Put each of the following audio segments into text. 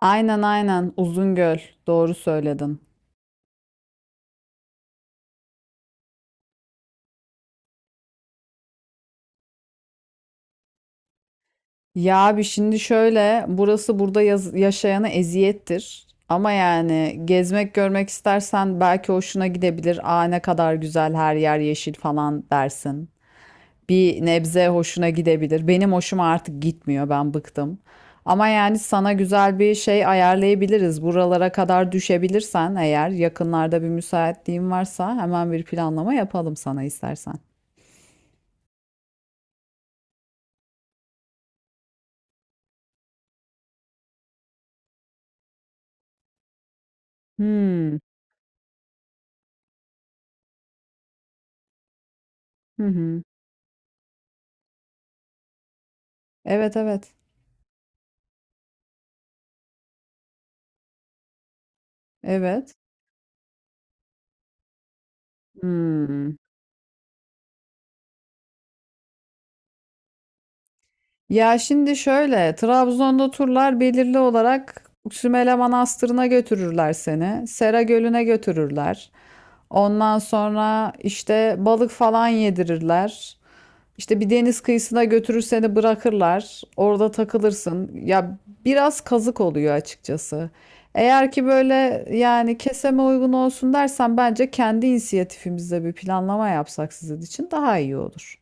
Aynen aynen Uzungöl doğru söyledin. Ya abi şimdi şöyle burası burada yaşayana eziyettir. Ama yani gezmek görmek istersen belki hoşuna gidebilir. Aa, ne kadar güzel her yer yeşil falan dersin. Bir nebze hoşuna gidebilir. Benim hoşuma artık gitmiyor, ben bıktım. Ama yani sana güzel bir şey ayarlayabiliriz. Buralara kadar düşebilirsen, eğer yakınlarda bir müsaitliğin varsa, hemen bir planlama yapalım sana istersen. Hmm. Hı hı. Evet evet. Evet. Hmm. Ya şimdi şöyle, Trabzon'da turlar belirli olarak Sümele Manastırı'na götürürler seni. Sera Gölü'ne götürürler. Ondan sonra işte balık falan yedirirler. İşte bir deniz kıyısına götürür seni bırakırlar. Orada takılırsın. Ya biraz kazık oluyor açıkçası. Eğer ki böyle yani keseme uygun olsun dersen, bence kendi inisiyatifimizle bir planlama yapsak sizin için daha iyi olur.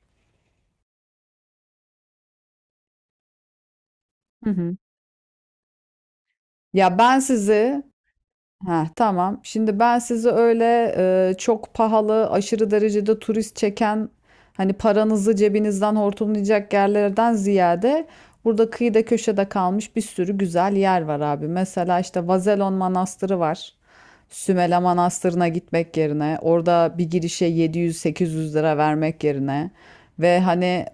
Ya ben sizi ha tamam. Şimdi ben sizi öyle çok pahalı, aşırı derecede turist çeken, hani paranızı cebinizden hortumlayacak yerlerden ziyade burada kıyıda köşede kalmış bir sürü güzel yer var abi. Mesela işte Vazelon Manastırı var. Sümele Manastırı'na gitmek yerine orada bir girişe 700-800 lira vermek yerine ve hani,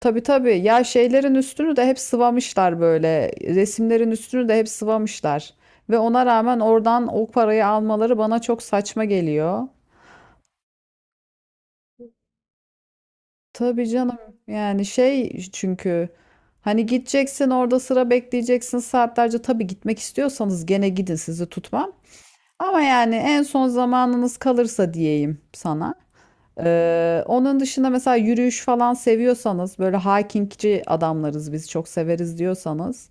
tabii tabii. Ya şeylerin üstünü de hep sıvamışlar böyle. Resimlerin üstünü de hep sıvamışlar. Ve ona rağmen oradan o parayı almaları bana çok saçma geliyor. Tabii canım. Yani şey çünkü hani gideceksin, orada sıra bekleyeceksin saatlerce. Tabii gitmek istiyorsanız gene gidin, sizi tutmam. Ama yani en son zamanınız kalırsa diyeyim sana. Onun dışında mesela yürüyüş falan seviyorsanız, böyle hikingci adamlarız biz çok severiz diyorsanız,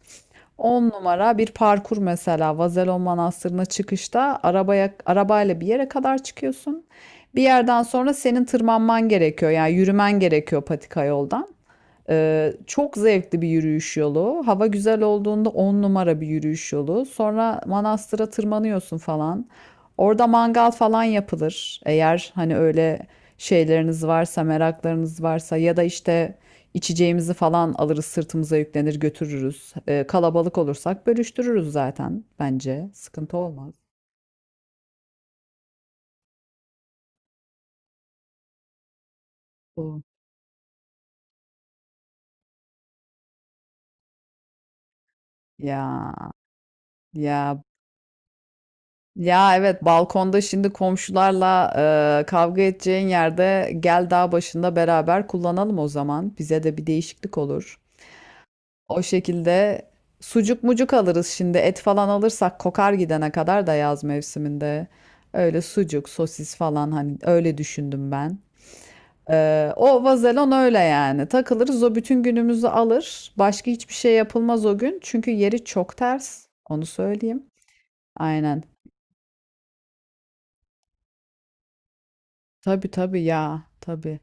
10 numara bir parkur mesela Vazelon Manastırı'na çıkışta arabayla bir yere kadar çıkıyorsun. Bir yerden sonra senin tırmanman gerekiyor. Yani yürümen gerekiyor, patika yoldan. Çok zevkli bir yürüyüş yolu. Hava güzel olduğunda 10 numara bir yürüyüş yolu. Sonra manastıra tırmanıyorsun falan. Orada mangal falan yapılır. Eğer hani öyle şeyleriniz varsa, meraklarınız varsa ya da işte içeceğimizi falan alırız, sırtımıza yüklenir, götürürüz. Kalabalık olursak bölüştürürüz zaten bence. Sıkıntı olmaz. O. Ya ya. Ya evet, balkonda şimdi komşularla kavga edeceğin yerde gel dağ başında beraber kullanalım o zaman. Bize de bir değişiklik olur. O şekilde sucuk mucuk alırız, şimdi et falan alırsak kokar gidene kadar da yaz mevsiminde. Öyle sucuk sosis falan hani, öyle düşündüm ben. O vazelon öyle yani, takılırız, o bütün günümüzü alır. Başka hiçbir şey yapılmaz o gün, çünkü yeri çok ters, onu söyleyeyim. Aynen. Tabii tabii ya tabii.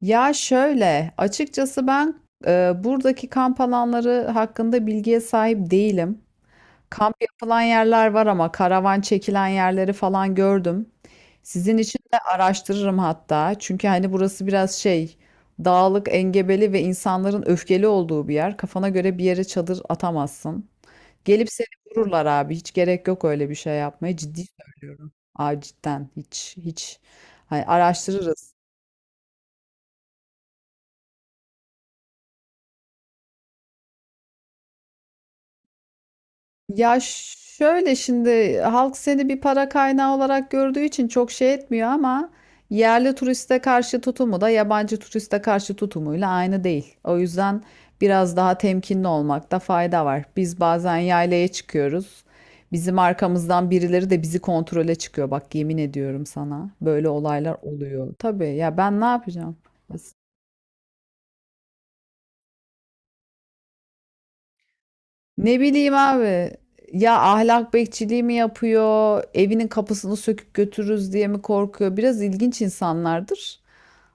Ya şöyle, açıkçası ben buradaki kamp alanları hakkında bilgiye sahip değilim. Kamp yapılan yerler var ama karavan çekilen yerleri falan gördüm. Sizin için de araştırırım hatta. Çünkü hani burası biraz şey, dağlık, engebeli ve insanların öfkeli olduğu bir yer. Kafana göre bir yere çadır atamazsın. Gelip seni vururlar abi. Hiç gerek yok öyle bir şey yapmaya. Ciddi söylüyorum. Aa, cidden hiç hiç. Hani araştırırız. Ya şöyle, şimdi halk seni bir para kaynağı olarak gördüğü için çok şey etmiyor, ama yerli turiste karşı tutumu da yabancı turiste karşı tutumuyla aynı değil. O yüzden biraz daha temkinli olmakta fayda var. Biz bazen yaylaya çıkıyoruz. Bizim arkamızdan birileri de bizi kontrole çıkıyor. Bak yemin ediyorum sana, böyle olaylar oluyor. Tabii ya, ben ne yapacağım? Ne bileyim abi. Ya ahlak bekçiliği mi yapıyor? Evinin kapısını söküp götürürüz diye mi korkuyor? Biraz ilginç insanlardır.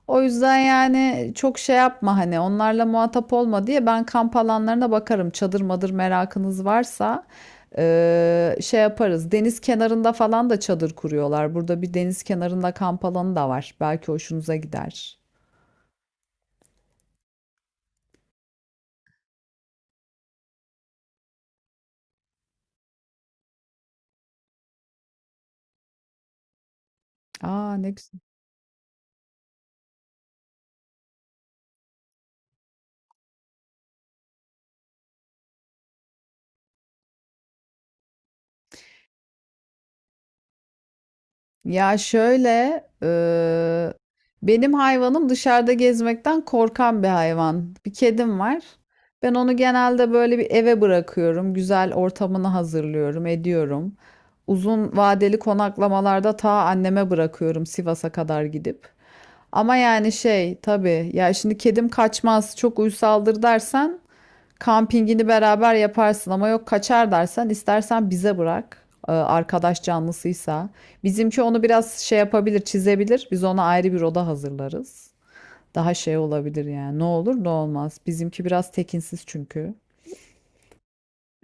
O yüzden yani çok şey yapma, hani onlarla muhatap olma diye ben kamp alanlarına bakarım. Çadır madır merakınız varsa, şey yaparız. Deniz kenarında falan da çadır kuruyorlar. Burada bir deniz kenarında kamp alanı da var. Belki hoşunuza gider. Aa, ne güzel. Ya şöyle, benim hayvanım dışarıda gezmekten korkan bir hayvan. Bir kedim var. Ben onu genelde böyle bir eve bırakıyorum. Güzel ortamını hazırlıyorum, ediyorum. Uzun vadeli konaklamalarda ta anneme bırakıyorum, Sivas'a kadar gidip. Ama yani şey, tabii ya, şimdi kedim kaçmaz, çok uysaldır dersen kampingini beraber yaparsın, ama yok kaçar dersen istersen bize bırak. Arkadaş canlısıysa bizimki onu biraz şey yapabilir, çizebilir. Biz ona ayrı bir oda hazırlarız. Daha şey olabilir yani. Ne olur ne olmaz. Bizimki biraz tekinsiz çünkü.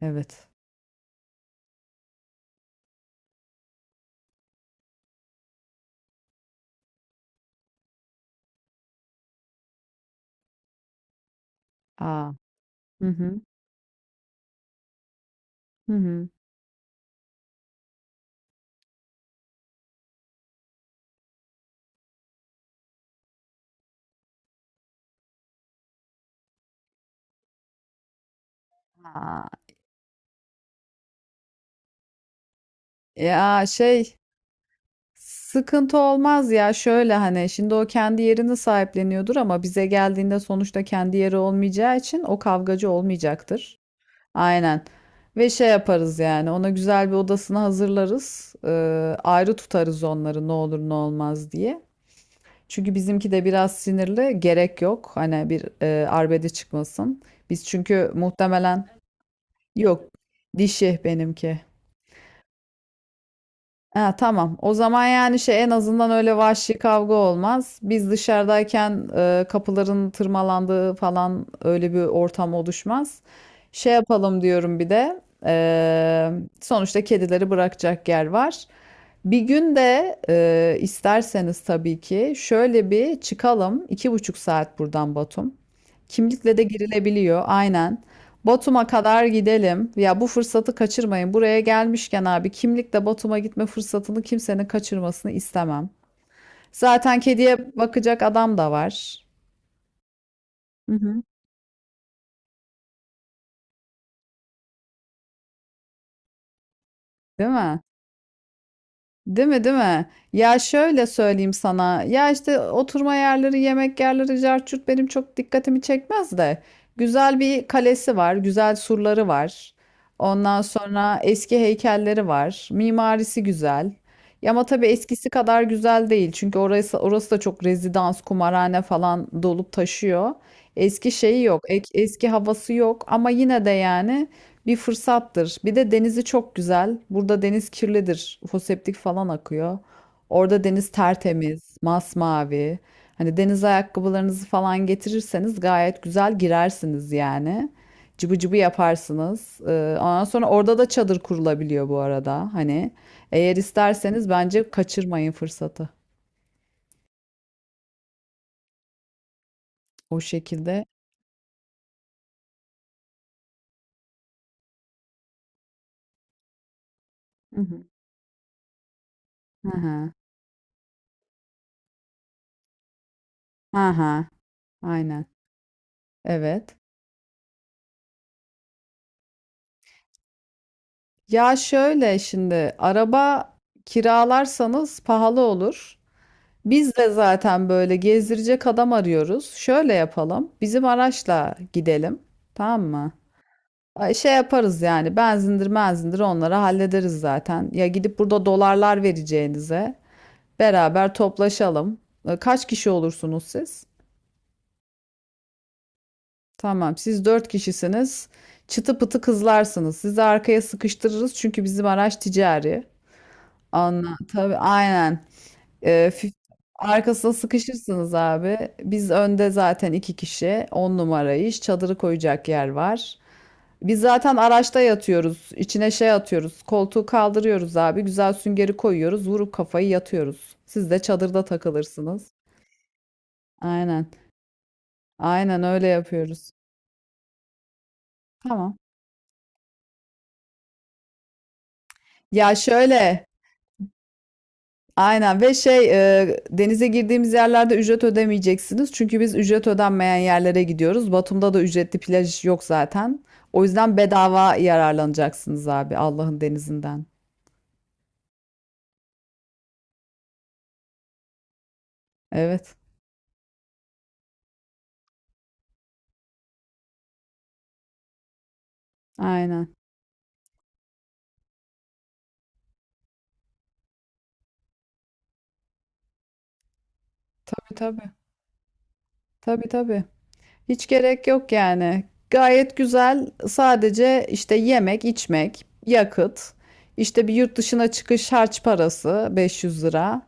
Evet. Aa. Hı hı. Hı hı. Aa, ya şey, sıkıntı olmaz, ya şöyle, hani şimdi o kendi yerini sahipleniyordur ama bize geldiğinde sonuçta kendi yeri olmayacağı için o kavgacı olmayacaktır. Aynen. Ve şey yaparız yani, ona güzel bir odasını hazırlarız. Ayrı tutarız onları ne olur ne olmaz diye. Çünkü bizimki de biraz sinirli, gerek yok. Hani bir arbede çıkmasın. Biz çünkü muhtemelen yok dişi benimki. Ha, tamam. O zaman yani şey, en azından öyle vahşi kavga olmaz. Biz dışarıdayken kapıların tırmalandığı falan, öyle bir ortam oluşmaz. Şey yapalım diyorum bir de. e, Sonuçta kedileri bırakacak yer var. Bir gün de isterseniz tabii ki şöyle bir çıkalım. 2,5 saat buradan Batum. Kimlikle de girilebiliyor, aynen. Batum'a kadar gidelim. Ya bu fırsatı kaçırmayın. Buraya gelmişken abi, kimlikle Batum'a gitme fırsatını kimsenin kaçırmasını istemem. Zaten kediye bakacak adam da var. Hı hı. Değil mi? Değil mi, değil mi? Ya şöyle söyleyeyim sana. Ya işte oturma yerleri, yemek yerleri, cart curt benim çok dikkatimi çekmez de. Güzel bir kalesi var, güzel surları var. Ondan sonra eski heykelleri var. Mimarisi güzel. Ya ama tabii eskisi kadar güzel değil. Çünkü orası, orası da çok rezidans, kumarhane falan dolup taşıyor. Eski şeyi yok, eski havası yok, ama yine de yani bir fırsattır. Bir de denizi çok güzel. Burada deniz kirlidir. Foseptik falan akıyor. Orada deniz tertemiz, masmavi. Hani deniz ayakkabılarınızı falan getirirseniz gayet güzel girersiniz yani. Cıbı cıbı yaparsınız. Ondan sonra orada da çadır kurulabiliyor bu arada. Hani eğer isterseniz bence kaçırmayın fırsatı. O şekilde. Hı hı. Hı hı. Hı hı. Aynen. Evet. Ya şöyle, şimdi araba kiralarsanız pahalı olur. Biz de zaten böyle gezdirecek adam arıyoruz. Şöyle yapalım, bizim araçla gidelim. Tamam mı? Ay, şey yaparız yani, benzindir menzindir onları hallederiz zaten. Ya gidip burada dolarlar vereceğinize beraber toplaşalım. E, kaç kişi olursunuz siz? Tamam, siz dört kişisiniz. Çıtı pıtı kızlarsınız. Sizi arkaya sıkıştırırız, çünkü bizim araç ticari. Anla tabii, aynen. Ee, fi- Arkasına sıkışırsınız abi. Biz önde zaten iki kişi. On numara iş. Çadırı koyacak yer var. Biz zaten araçta yatıyoruz. İçine şey atıyoruz. Koltuğu kaldırıyoruz abi. Güzel süngeri koyuyoruz. Vurup kafayı yatıyoruz. Siz de çadırda takılırsınız. Aynen. Aynen öyle yapıyoruz. Tamam. Ya şöyle. Aynen, ve şey, denize girdiğimiz yerlerde ücret ödemeyeceksiniz. Çünkü biz ücret ödenmeyen yerlere gidiyoruz. Batum'da da ücretli plaj yok zaten. O yüzden bedava yararlanacaksınız abi, Allah'ın denizinden. Evet. Aynen. Tabii tabii. Tabii tabii. Hiç gerek yok yani. Gayet güzel. Sadece işte yemek, içmek, yakıt, işte bir yurt dışına çıkış harç parası 500 lira.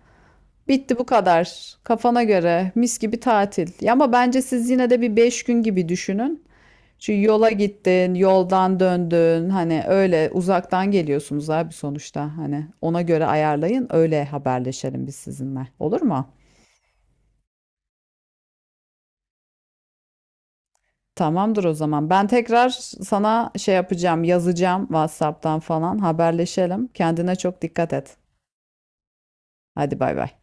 Bitti bu kadar. Kafana göre mis gibi tatil. Ya ama bence siz yine de bir 5 gün gibi düşünün. Çünkü yola gittin, yoldan döndün. Hani öyle uzaktan geliyorsunuz abi sonuçta. Hani ona göre ayarlayın. Öyle haberleşelim biz sizinle. Olur mu? Tamamdır o zaman. Ben tekrar sana şey yapacağım, yazacağım, WhatsApp'tan falan haberleşelim. Kendine çok dikkat et. Hadi bay bay.